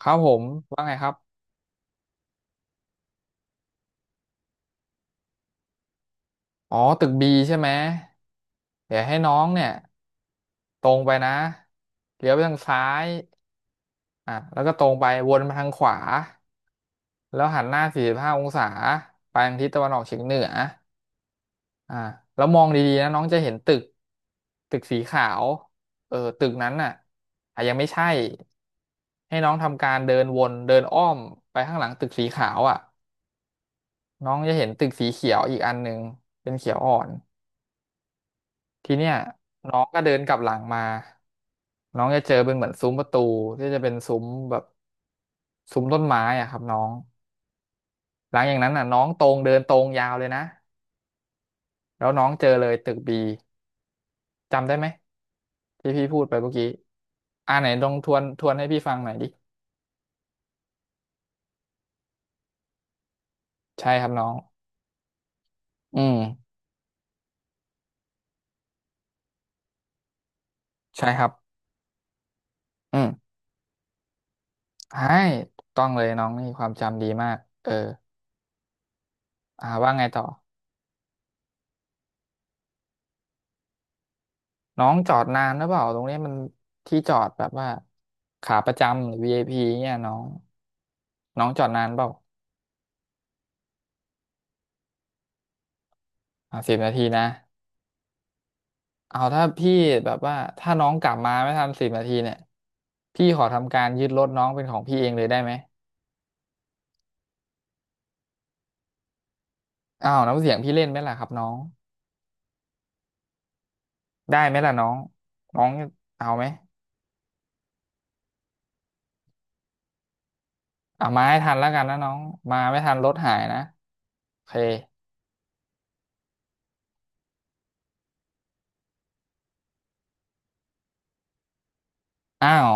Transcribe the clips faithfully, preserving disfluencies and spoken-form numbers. ครับผมว่าไงครับอ๋อตึกบีใช่ไหมเดี๋ยวให้น้องเนี่ยตรงไปนะเลี้ยวไปทางซ้ายอ่ะแล้วก็ตรงไปวนมาทางขวาแล้วหันหน้าสี่สิบห้าองศาไปทางทิศตะวันออกเฉียงเหนืออ่ะแล้วมองดีๆนะน้องจะเห็นตึกตึกสีขาวเออตึกนั้นน่ะอ่ะยังไม่ใช่ให้น้องทำการเดินวนเดินอ้อมไปข้างหลังตึกสีขาวอ่ะน้องจะเห็นตึกสีเขียวอีกอันหนึ่งเป็นเขียวอ่อน ทีเนี้ยน้องก็เดินกลับหลังมาน้องจะเจอเป็นเหมือนซุ้มประตูที่จะเป็นซุ้มแบบซุ้มต้นไม้อะครับน้องหลังอย่างนั้นอ่ะน้องตรงเดินตรงยาวเลยนะแล้วน้องเจอเลยตึกบีจำได้ไหมที่พี่พูดไปเมื่อกี้อ่าไหนลองทวนทวนให้พี่ฟังหน่อยดิใช่ครับน้องอืมใช่ครับอืมใช่ถูกต้องเลยน้องนี่ความจำดีมากเอออ่าว่าไงต่อ น้องจอดนานหรือเปล่าตรงนี้มันที่จอดแบบว่าขาประจำหรือ วี ไอ พี เนี่ยน้องน้องจอดนานเปล่าอ่าสิบนาทีนะเอาถ้าพี่แบบว่าถ้าน้องกลับมาไม่ทันสิบนาทีเนี่ยพี่ขอทำการยึดรถน้องเป็นของพี่เองเลยได้ไหมอ้าวน้ำเสียงพี่เล่นไหมล่ะครับน้องได้ไหมล่ะน้องน้องเอาไหมเอามาให้ทันแล้วกันนะน้องมาไม่ทันรถหายนะโอเคอ้าว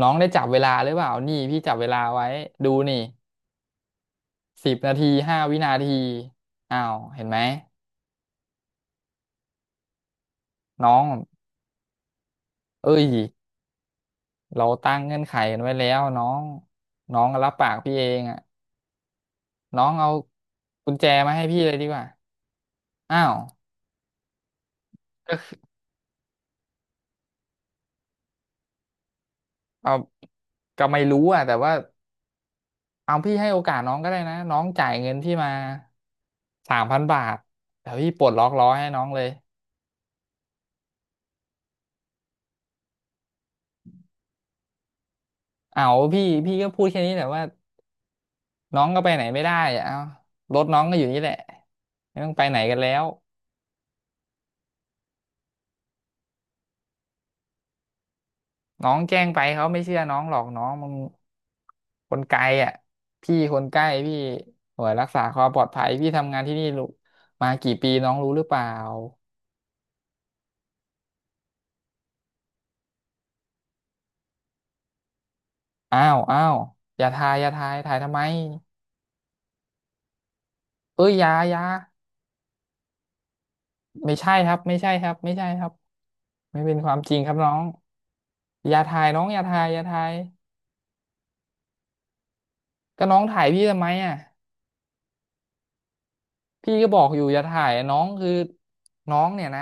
น้องได้จับเวลาหรือเปล่านี่พี่จับเวลาไว้ดูนี่ สิบนาทีห้าวินาทีอ้าวเห็นไหมน้องเอ้ยเราตั้งเงื่อนไขกันไว้แล้วน้องน้องรับปากพี่เองอ่ะน้องเอากุญแจมาให้พี่เลยดีกว่าอ้าวก็เอาก็ไม่รู้อ่ะแต่ว่าเอาพี่ให้โอกาสน้องก็ได้นะน้องจ่ายเงินที่มาสามพันบาทเดี๋ยวพี่ปลดล็อกล้อให้น้องเลยเอาพี่พี่ก็พูดแค่นี้แหละว่าน้องก็ไปไหนไม่ได้อะเอารถน้องก็อยู่นี่แหละไม่ต้องไปไหนกันแล้ว น้องแจ้งไปเขาไม่เชื่อน้องหรอกน้องมันคนไกลอ่ะพี่คนใกล้พี่หน่วยรักษาความปลอดภัยพี่ทำงานที่นี่รู้มากี่ปีน้องรู้หรือเปล่าอ้าวอ้าวอย่าทายอย่าทายถ่ายทำไมเอ้ยอยาอยาไม่ใช่ครับไม่ใช่ครับไม่ใช่ครับไม่เป็นความจริงครับน้องอย่าถ่ายน้องอย่าถ่ายอย่าถ่ายก็น้องถ่ายพี่ทำไมอ่ะ พี่ก็บอกอยู่อย่าถ่ายน้องคือน้องเนี่ยนะ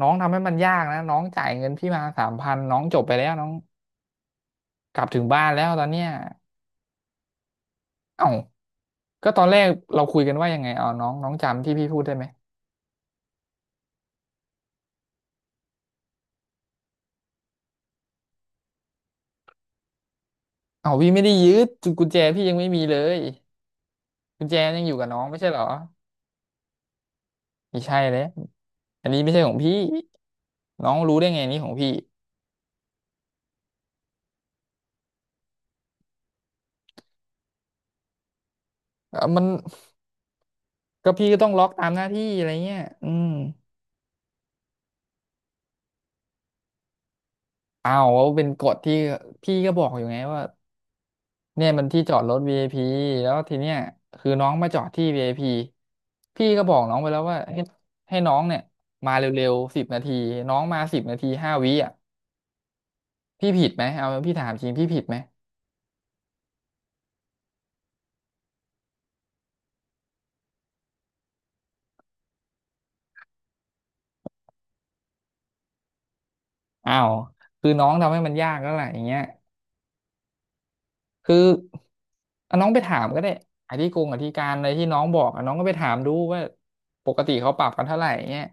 น้องทำให้มันยากนะน้องจ่ายเงินพี่มาสามพันน้องจบไปแล้วน้องกลับถึงบ้านแล้วตอนเนี้ยเอ้าก็ตอนแรกเราคุยกันว่ายังไงเอาน้องน้องจำที่พี่พูดได้ไหมเอ้าพี่ไม่ได้ยืดกุญแจพี่ยังไม่มีเลยกุญแจยังอยู่กับน้องไม่ใช่เหรอไม่ใช่เลยอันนี้ไม่ใช่ของพี่น้องรู้ได้ไงนี่ของพี่เอ่อมันก็พี่ก็ต้องล็อกตามหน้าที่อะไรเงี้ยอืมเอาวว่าเป็นกฎที่พี่ก็บอกอยู่ไงว่า เนี่ยมันที่จอดรถ วี ไอ พี แล้วทีเนี้ยคือน้องมาจอดที่ วี ไอ พี พีพี่ก็บอกน้องไปแล้วว่าให้ให้น้องเนี่ยมาเร็วๆสิบนาทีน้องมาสิบนาทีห้าวิอ่ะพี่ผิดไหมเอาพี่ถามจริงพี่ผิดไหมอ้าวคือน้องทำให้มันยากแล้วแหละอย่างเงี้ยคือเอาน้องไปถามก็ได้อธิกงอธิการอะไรที่น้องบอกอะน้องก็ไปถามดูว่าปกติเขาปรับกันเท่าไหร่เงี้ย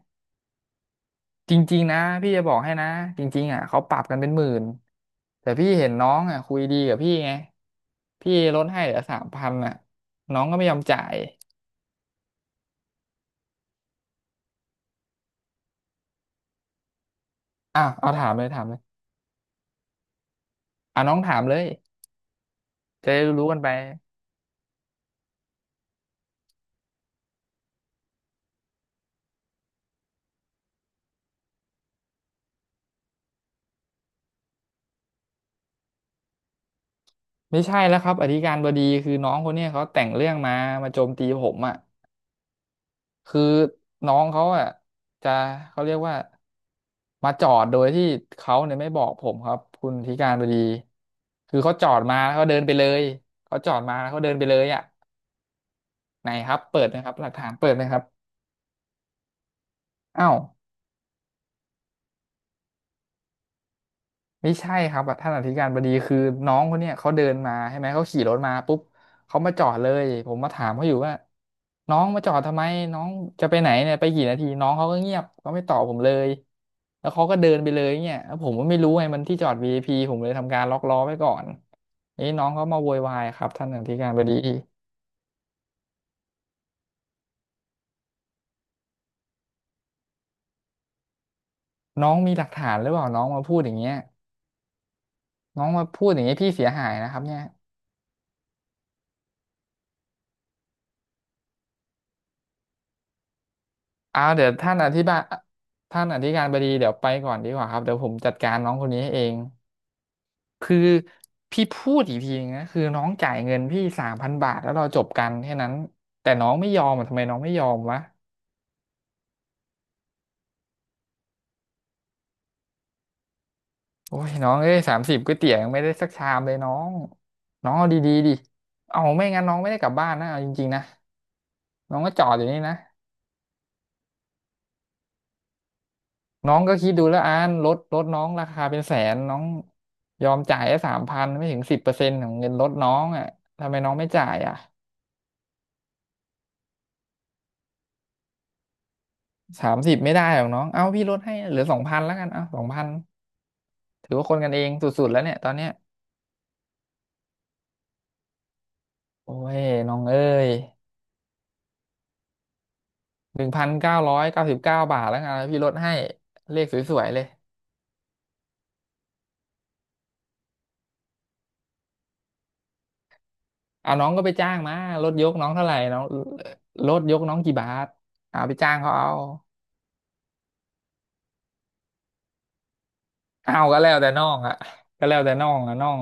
จริงๆนะพี่จะบอกให้นะจริงๆอ่ะเขาปรับกันเป็นหมื่นแต่พี่เห็นน้องอ่ะคุยดีกับพี่ไงพี่ลดให้เหลือสามพันอ่ะน้องก็ไม่ยอมจ่ายอ่ะเอาถามเลยถามเลยอ่ะน้องถามเลยจะได้รู้ๆกันไปไม่ใช่แล้วครับอธิการบดีคือน้องคนเนี้ยเขาแต่งเรื่องมามาโจมตีผมอ่ะ คือน้องเขาอ่ะจะเขาเรียกว่ามาจอดโดยที่เขาเนี่ยไม่บอกผมครับคุณธิการบดีคือเขาจอดมาแล้วเขาเดินไปเลยเขาจอดมาแล้วเขาเดินไปเลยอ่ะไหนครับเปิดนะครับหลักฐานเปิดไหมครับอ้าว ไม่ใช่ครับท่านอธิการบดีคือน้องคนเนี้ยเขาเดินมาใช่ไหมเขาขี่รถมาปุ๊บเขามาจอดเลยผมมาถามเขาอยู่ว่าน้องมาจอดทำไมน้องจะไปไหนเนี่ยไปกี่นาทีน้องเขาก็เงียบเขาไม่ตอบผมเลยแล้วเขาก็เดินไปเลยเนี่ยแล้วผมก็ไม่รู้ไงมันที่จอดวีไอพีผมเลยทำการล็อกล้อไว้ก่อนนี่น้องเขามาโวยวายครับท่านอธิการบดีน้องมีหลักฐานหรือเปล่าน้องมาพูดอย่างเงี้ยน้องมาพูดอย่างเงี้ยพี่เสียหายนะครับเนี่ย อาเดี๋ยวท่านอธิบายท่านอธิการบดีเดี๋ยวไปก่อนดีกว่าครับเดี๋ยวผมจัดการน้องคนนี้ให้เองคือพี่พูดอีกทีนึงนะคือน้องจ่ายเงินพี่สามพันบาทแล้วเราจบกันแค่นั้นแต่น้องไม่ยอมอ่ะทำไมน้องไม่ยอมวะโอ้ยน้องเอ้ยสามสิบก๋วยเตี๋ยวยังไม่ได้สักชามเลยน้องน้องเอาดีๆดิเอาไม่งั้นน้องไม่ได้กลับบ้านนะเอาจริงๆนะน้องก็จอดอยู่นี่นะ น้องก็คิดดูแล้วอานลดลดน้องราคาเป็นแสนน้องยอมจ่ายแค่สามพันไม่ถึงสิบเปอร์เซ็นต์ของเงินลดน้องอ่ะทำไมน้องไม่จ่ายอ่ะสามสิบไม่ได้หรอกน้องเอาพี่ลดให้เหลือสองพันแล้วกันเอาสองพันถือว่าคนกันเองสุดๆแล้วเนี่ยตอนเนี้ยโอ้ยน้องเอ้ยหนึ่งพันเก้าร้อยเก้าสิบเก้าบาทแล้วกันพี่ลดให้เลขสวยๆเลยเอาน้องก็ไปจ้างมาลดยกน้องเท่าไหร่น้องลดยกน้องกี่บาทเอาไปจ้างเขาเอา เอาก็แล้วแต่น้องอะก็แล้วแต่น้องอะน้อง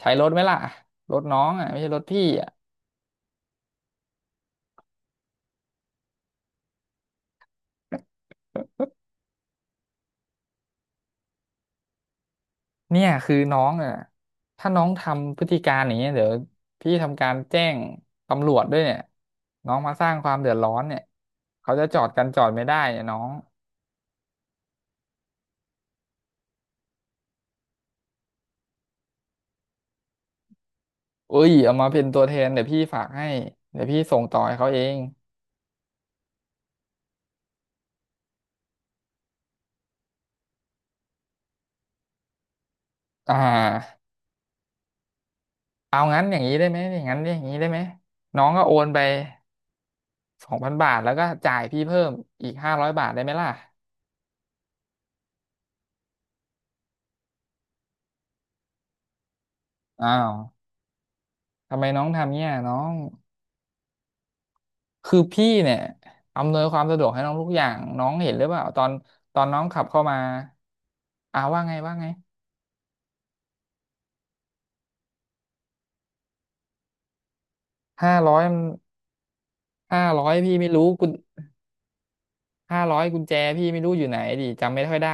ใช้รถไหมล่ะรถน้องอะไม่ใช่รถพี่อะเนี่ยคือน้องอะถ้าน้องทำพฤติการอย่างเงี้ยเดี๋ยวพี่ทำการแจ้งตำรวจด้วยเนี่ยน้องมาสร้างความเดือดร้อนเนี่ยเขาจะจอดกันจอดไม่ได้เนี่ยน้องเอ้ยเอามาเป็นตัวแทนเดี๋ยวพี่ฝากให้เดี๋ยวพี่ส่งต่อให้เขาเองอ่าเอางั้นอย่างนี้ได้ไหมอย่างนั้นอย่างนี้ได้ไหมน้องก็โอนไปสองพันบาทแล้วก็จ่ายพี่เพิ่มอีกห้าร้อยบาทได้ไหมล่ะอ้าว ทำไมน้องทำเนี่ยน้องคือพี่เนี่ยอำนวยความสะดวกให้น้องทุกอย่างน้องเห็นหรือเปล่าตอนตอนน้องขับเข้ามาอ่าว่าไงว่าไงห้าร้อยห้าร้อยพี่ไม่รู้กุญห้าร้อยกุญแจพี่ไม่รู้อยู่ไหนดิจำไม่ค่อยได้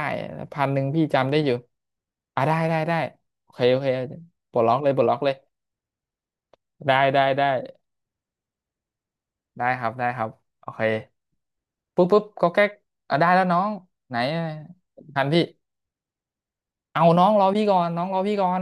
พันหนึ่งพี่จำได้อยู่อ่าได้ได้ได้โอเคโอเคปลดล็อกเลยปลดล็อกเลยได้ได้ได้ได้ครับได้ครับโอเคปุ๊บปุ๊บก็แก๊กอ่ะได้แล้วน้องไหนพันพี่เอาน้องรอพี่ก่อนน้องรอพี่ก่อน